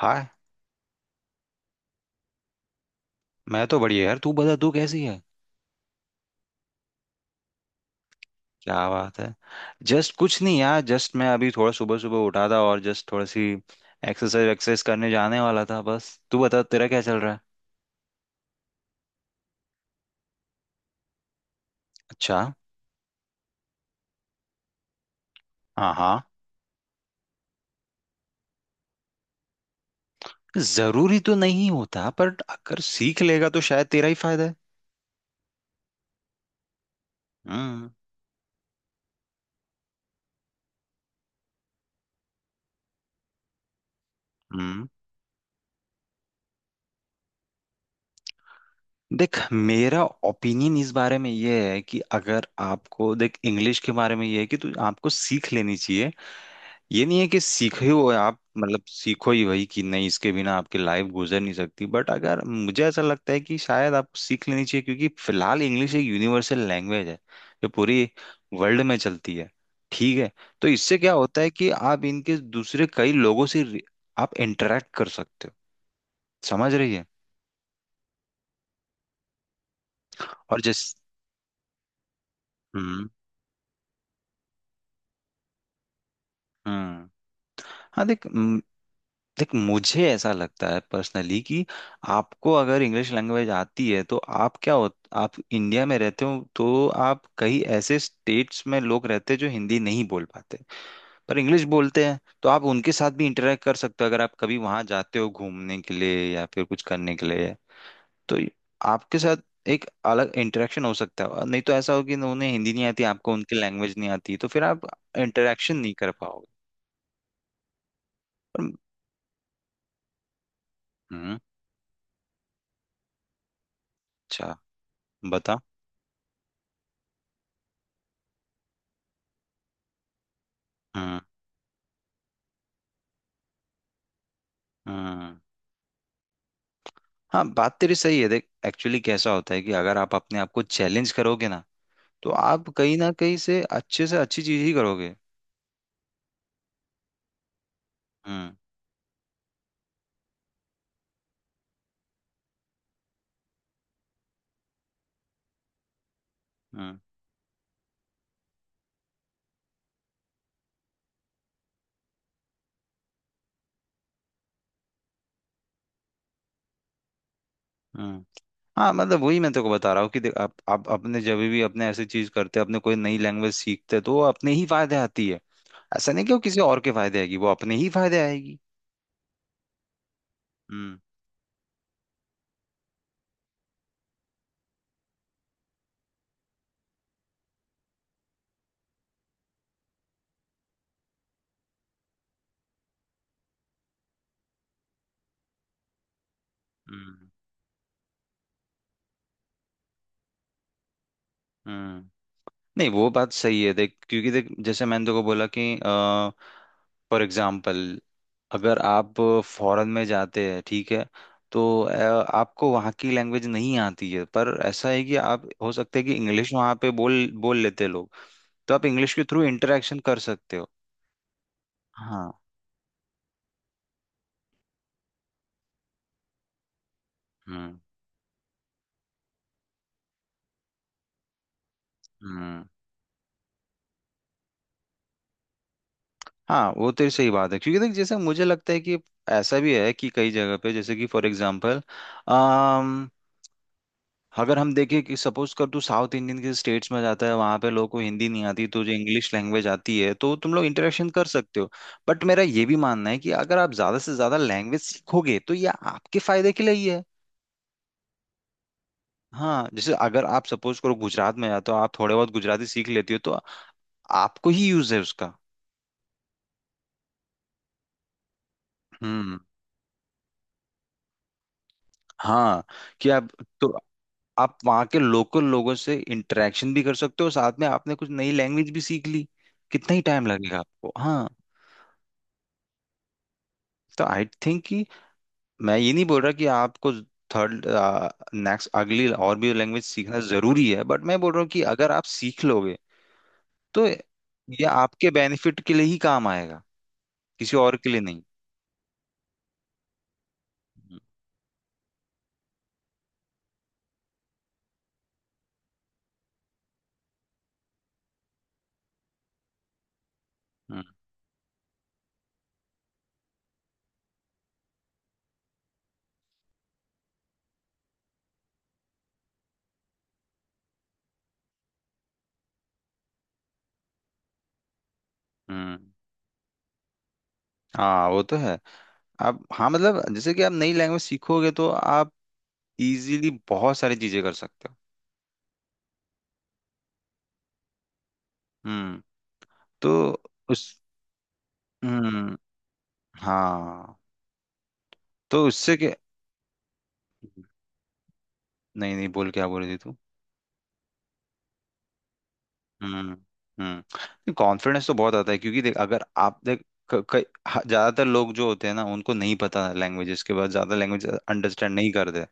हाय। मैं तो बढ़िया यार, तू बता तू कैसी है। क्या बात है। जस्ट कुछ नहीं यार, जस्ट मैं अभी थोड़ा सुबह सुबह उठा था और जस्ट थोड़ी सी एक्सरसाइज एक्सरसाइज करने जाने वाला था, बस तू बता तेरा क्या चल रहा है। अच्छा। हाँ हाँ, जरूरी तो नहीं होता, पर अगर सीख लेगा तो शायद तेरा ही फायदा है। हम्म हम्म देख मेरा ओपिनियन इस बारे में ये है कि अगर आपको देख इंग्लिश के बारे में ये है कि तू आपको सीख लेनी चाहिए। ये नहीं है कि सीखे हो आप, मतलब सीखो ही वही कि नहीं, इसके बिना आपकी लाइफ गुजर नहीं सकती, बट अगर मुझे ऐसा लगता है कि शायद आपको सीख लेनी चाहिए, क्योंकि फिलहाल इंग्लिश एक यूनिवर्सल लैंग्वेज है जो पूरी वर्ल्ड में चलती है। ठीक है, तो इससे क्या होता है कि आप इनके दूसरे कई लोगों से आप इंटरेक्ट कर सकते हो। समझ रही है। और जैस हम्म। हम्म। हाँ देख, देख मुझे ऐसा लगता है पर्सनली कि आपको अगर इंग्लिश लैंग्वेज आती है तो आप क्या हो, आप इंडिया में रहते हो तो आप कई ऐसे स्टेट्स में लोग रहते हैं जो हिंदी नहीं बोल पाते पर इंग्लिश बोलते हैं, तो आप उनके साथ भी इंटरेक्ट कर सकते हो अगर आप कभी वहां जाते हो घूमने के लिए या फिर कुछ करने के लिए। तो ये- आपके साथ एक अलग इंटरेक्शन हो सकता है, और नहीं तो ऐसा हो कि उन्हें हिंदी नहीं आती, आपको उनकी लैंग्वेज नहीं आती, तो फिर आप इंटरेक्शन नहीं कर पाओगे। पर- हम्म। अच्छा, बता। हम्म। हम्म। हाँ बात तेरी सही है। देख एक्चुअली कैसा होता है कि अगर आप अपने आप को चैलेंज करोगे ना, तो आप कहीं ना कहीं से अच्छे से अच्छी चीज ही करोगे। हम्म। हम्म। हम्म। हाँ मतलब वही मैं तेरे को बता रहा हूँ कि देख आप अपने जब भी अपने ऐसी चीज करते हैं, अपने कोई नई लैंग्वेज सीखते हैं तो वो अपने ही फायदे आती है। ऐसा नहीं कि वो किसी और के फायदे आएगी, वो अपने ही फायदे आएगी। हम्म। हम्म। हम्म। नहीं वो बात सही है देख, क्योंकि देख जैसे मैंने तो को बोला कि फॉर एग्जाम्पल, अगर आप फॉरेन में जाते हैं, ठीक है, तो आपको वहाँ की लैंग्वेज नहीं आती है, पर ऐसा है कि आप हो सकता है कि इंग्लिश वहाँ पे बोल बोल लेते हैं लोग, तो आप इंग्लिश के थ्रू इंटरेक्शन कर सकते हो। हाँ। हम्म। हम्म। हाँ वो तेरी सही बात है, क्योंकि देख जैसे मुझे लगता है कि ऐसा भी है कि कई जगह पे, जैसे कि फॉर एग्जाम्पल, अगर हम देखें कि सपोज कर तू साउथ इंडियन के स्टेट्स में जाता है, वहां पे लोगों को हिंदी नहीं आती, तुझे इंग्लिश लैंग्वेज आती है, तो तुम लोग इंटरेक्शन कर सकते हो। बट मेरा ये भी मानना है कि अगर आप ज्यादा से ज्यादा लैंग्वेज सीखोगे तो ये आपके फायदे के लिए ही है। हाँ जैसे अगर आप सपोज करो गुजरात में जाते हो, आप थोड़े बहुत गुजराती सीख लेती हो, तो आपको ही यूज है उसका। हम्म। हाँ, कि आप, तो आप वहाँ के लोकल लोगों से इंटरेक्शन भी कर सकते हो, साथ में आपने कुछ नई लैंग्वेज भी सीख ली। कितना ही टाइम लगेगा आपको, हाँ। तो आई थिंक, मैं ये नहीं बोल रहा कि आपको थर्ड, नेक्स्ट अगली और भी लैंग्वेज सीखना जरूरी है, बट मैं बोल रहा हूँ कि अगर आप सीख लोगे तो ये आपके बेनिफिट के लिए ही काम आएगा, किसी और के लिए नहीं। हम्म। हम्म। हम्म। हाँ वो तो है। आप हाँ मतलब जैसे कि आप नई लैंग्वेज सीखोगे तो आप इजीली बहुत सारी चीजें कर सकते हो। हम्म। तो उस हम्म। हाँ, तो उससे क्या, नहीं नहीं बोल, क्या बोल रही थी तू। हम्म। हम्म, कॉन्फिडेंस तो बहुत आता है, क्योंकि देख अगर आप देख ज्यादातर लोग जो होते हैं ना उनको नहीं पता लैंग्वेजेस के बाद ज्यादा लैंग्वेज अंडरस्टैंड नहीं करते।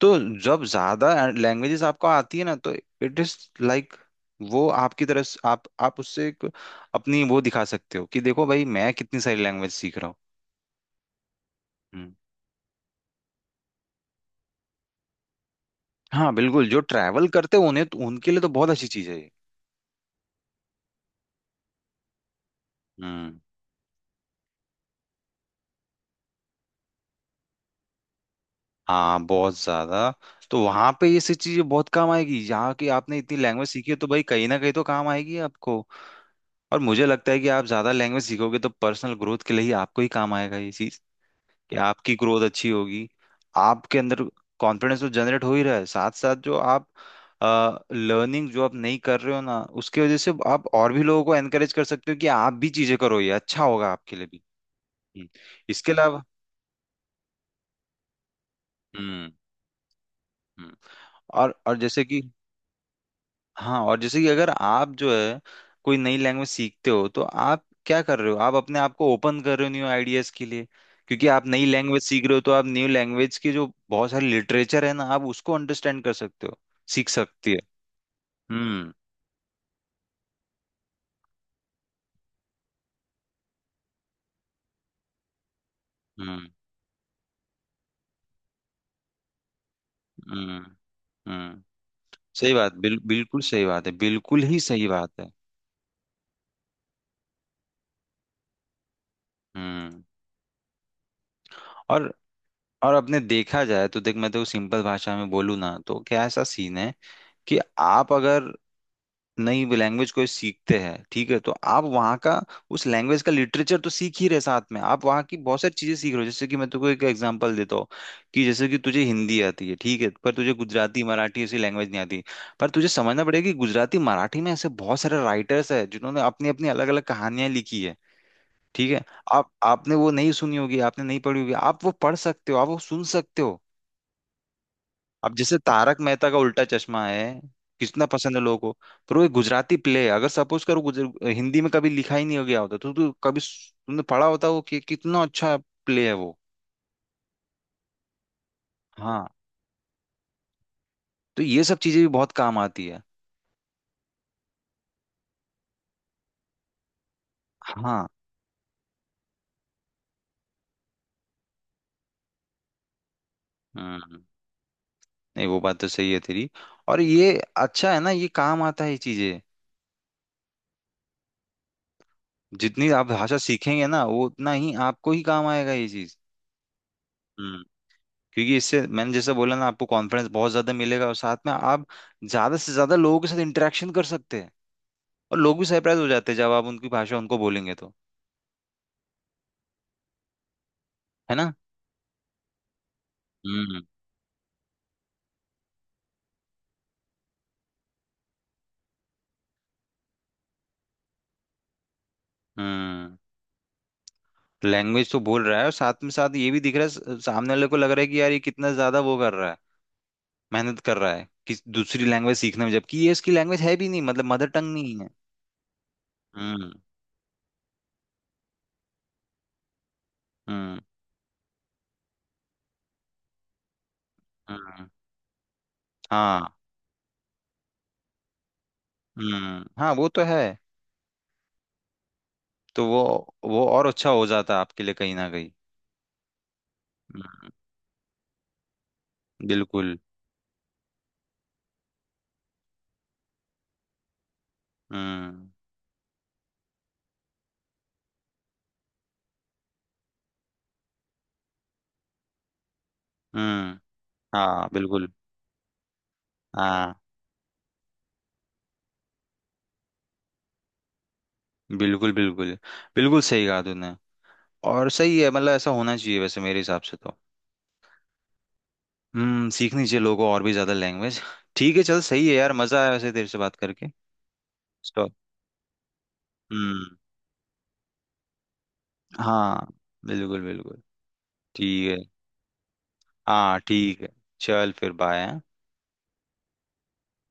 तो जब ज्यादा लैंग्वेजेस आपको आती है ना, तो इट इज लाइक वो आप उससे एक अपनी वो दिखा सकते हो कि देखो भाई, मैं कितनी सारी लैंग्वेज सीख रहा हूँ। हम्म। हाँ बिल्कुल, जो ट्रैवल करते हैं उन्हें तो, उनके लिए तो बहुत अच्छी चीज है ये। हम्म। हाँ, बहुत ज्यादा। तो वहां पे ये सब चीजें बहुत काम आएगी, यहाँ की आपने इतनी लैंग्वेज सीखी है तो भाई कहीं ना कहीं तो काम आएगी आपको। और मुझे लगता है कि आप ज्यादा लैंग्वेज सीखोगे तो पर्सनल ग्रोथ के लिए ही आपको ही काम आएगा ये चीज, कि आपकी ग्रोथ अच्छी होगी। आपके अंदर कॉन्फिडेंस तो जनरेट हो ही रहा है, साथ साथ जो आप लर्निंग जो आप नहीं कर रहे हो ना उसकी वजह से आप और भी लोगों को एनकरेज कर सकते हो कि आप भी चीजें करो, ये अच्छा होगा आपके लिए भी। हम्म। इसके अलावा, हम्म। हम्म। और जैसे कि, हाँ और जैसे कि अगर आप जो है कोई नई लैंग्वेज सीखते हो तो आप क्या कर रहे हो, आप अपने आप को ओपन कर रहे हो न्यू आइडियाज के लिए, क्योंकि आप नई लैंग्वेज सीख रहे हो तो आप न्यू लैंग्वेज की जो बहुत सारी लिटरेचर है ना आप उसको अंडरस्टैंड कर सकते हो, सीख सकती है। हम्म। हम्म। हम्म। हम्म। सही बात बिल्कुल सही बात है, बिल्कुल ही सही बात है। हम्म। और और अपने देखा जाए तो देख, मैं तो सिंपल भाषा में बोलूँ ना तो क्या ऐसा सीन है कि आप अगर नई लैंग्वेज को सीखते हैं, ठीक है, तो आप वहाँ का उस लैंग्वेज का लिटरेचर तो सीख ही रहे, साथ में आप वहाँ की बहुत सारी चीजें सीख रहे हो, जैसे कि मैं तुमको एक एग्जांपल देता हूँ कि जैसे कि तुझे हिंदी आती है, ठीक है, पर तुझे गुजराती मराठी ऐसी लैंग्वेज नहीं आती, पर तुझे समझना पड़ेगा कि गुजराती मराठी में ऐसे बहुत सारे राइटर्स है जिन्होंने अपनी अपनी अलग अलग कहानियां लिखी है। ठीक है, आप आपने वो नहीं सुनी होगी, आपने नहीं पढ़ी होगी, आप वो पढ़ सकते हो, आप वो सुन सकते हो। अब जैसे तारक मेहता का उल्टा चश्मा है, कितना पसंद है लोगों को। पर वो एक गुजराती प्ले है, अगर सपोज करो गुजर हिंदी में कभी लिखा ही नहीं हो गया होता तो कभी तुमने पढ़ा होता वो कि कितना अच्छा प्ले है वो। हाँ, तो ये सब चीजें भी बहुत काम आती है। हाँ। हम्म। नहीं वो बात तो सही है तेरी। और ये अच्छा है ना, ये काम आता है ये चीजें, जितनी आप भाषा सीखेंगे ना वो उतना ही आपको ही काम आएगा ये चीज। क्योंकि इससे मैंने जैसा बोला ना आपको कॉन्फिडेंस बहुत ज्यादा मिलेगा और साथ में आप ज्यादा से ज्यादा लोगों के साथ इंटरेक्शन कर सकते हैं। और लोग भी सरप्राइज हो जाते हैं जब आप उनकी भाषा उनको बोलेंगे तो, है ना। हम्म। हम्म। लैंग्वेज तो बोल रहा है, और साथ में साथ ये भी दिख रहा है, सामने वाले को लग रहा है कि यार ये कितना ज्यादा वो कर रहा है, मेहनत कर रहा है कि दूसरी लैंग्वेज सीखने में, जबकि ये इसकी लैंग्वेज है भी नहीं, मतलब मदर टंग नहीं है। हम्म। हम्म। हम्म। हाँ। हम्म। हाँ वो तो है। तो वो वो और अच्छा हो जाता आपके लिए कहीं ना कहीं। हम्म, बिल्कुल। हम्म। हम्म। हाँ बिल्कुल। हाँ, बिल्कुल बिल्कुल, बिल्कुल सही कहा तूने। और सही है, मतलब ऐसा होना चाहिए वैसे मेरे हिसाब से तो। हम्म, सीखनी चाहिए लोगों को और भी ज्यादा लैंग्वेज। ठीक है, चल सही है यार, मजा आया वैसे तेरे से बात करके। स्टॉप। हम्म। हाँ, बिल्कुल बिल्कुल। ठीक है। हाँ ठीक है। चल फिर बाय।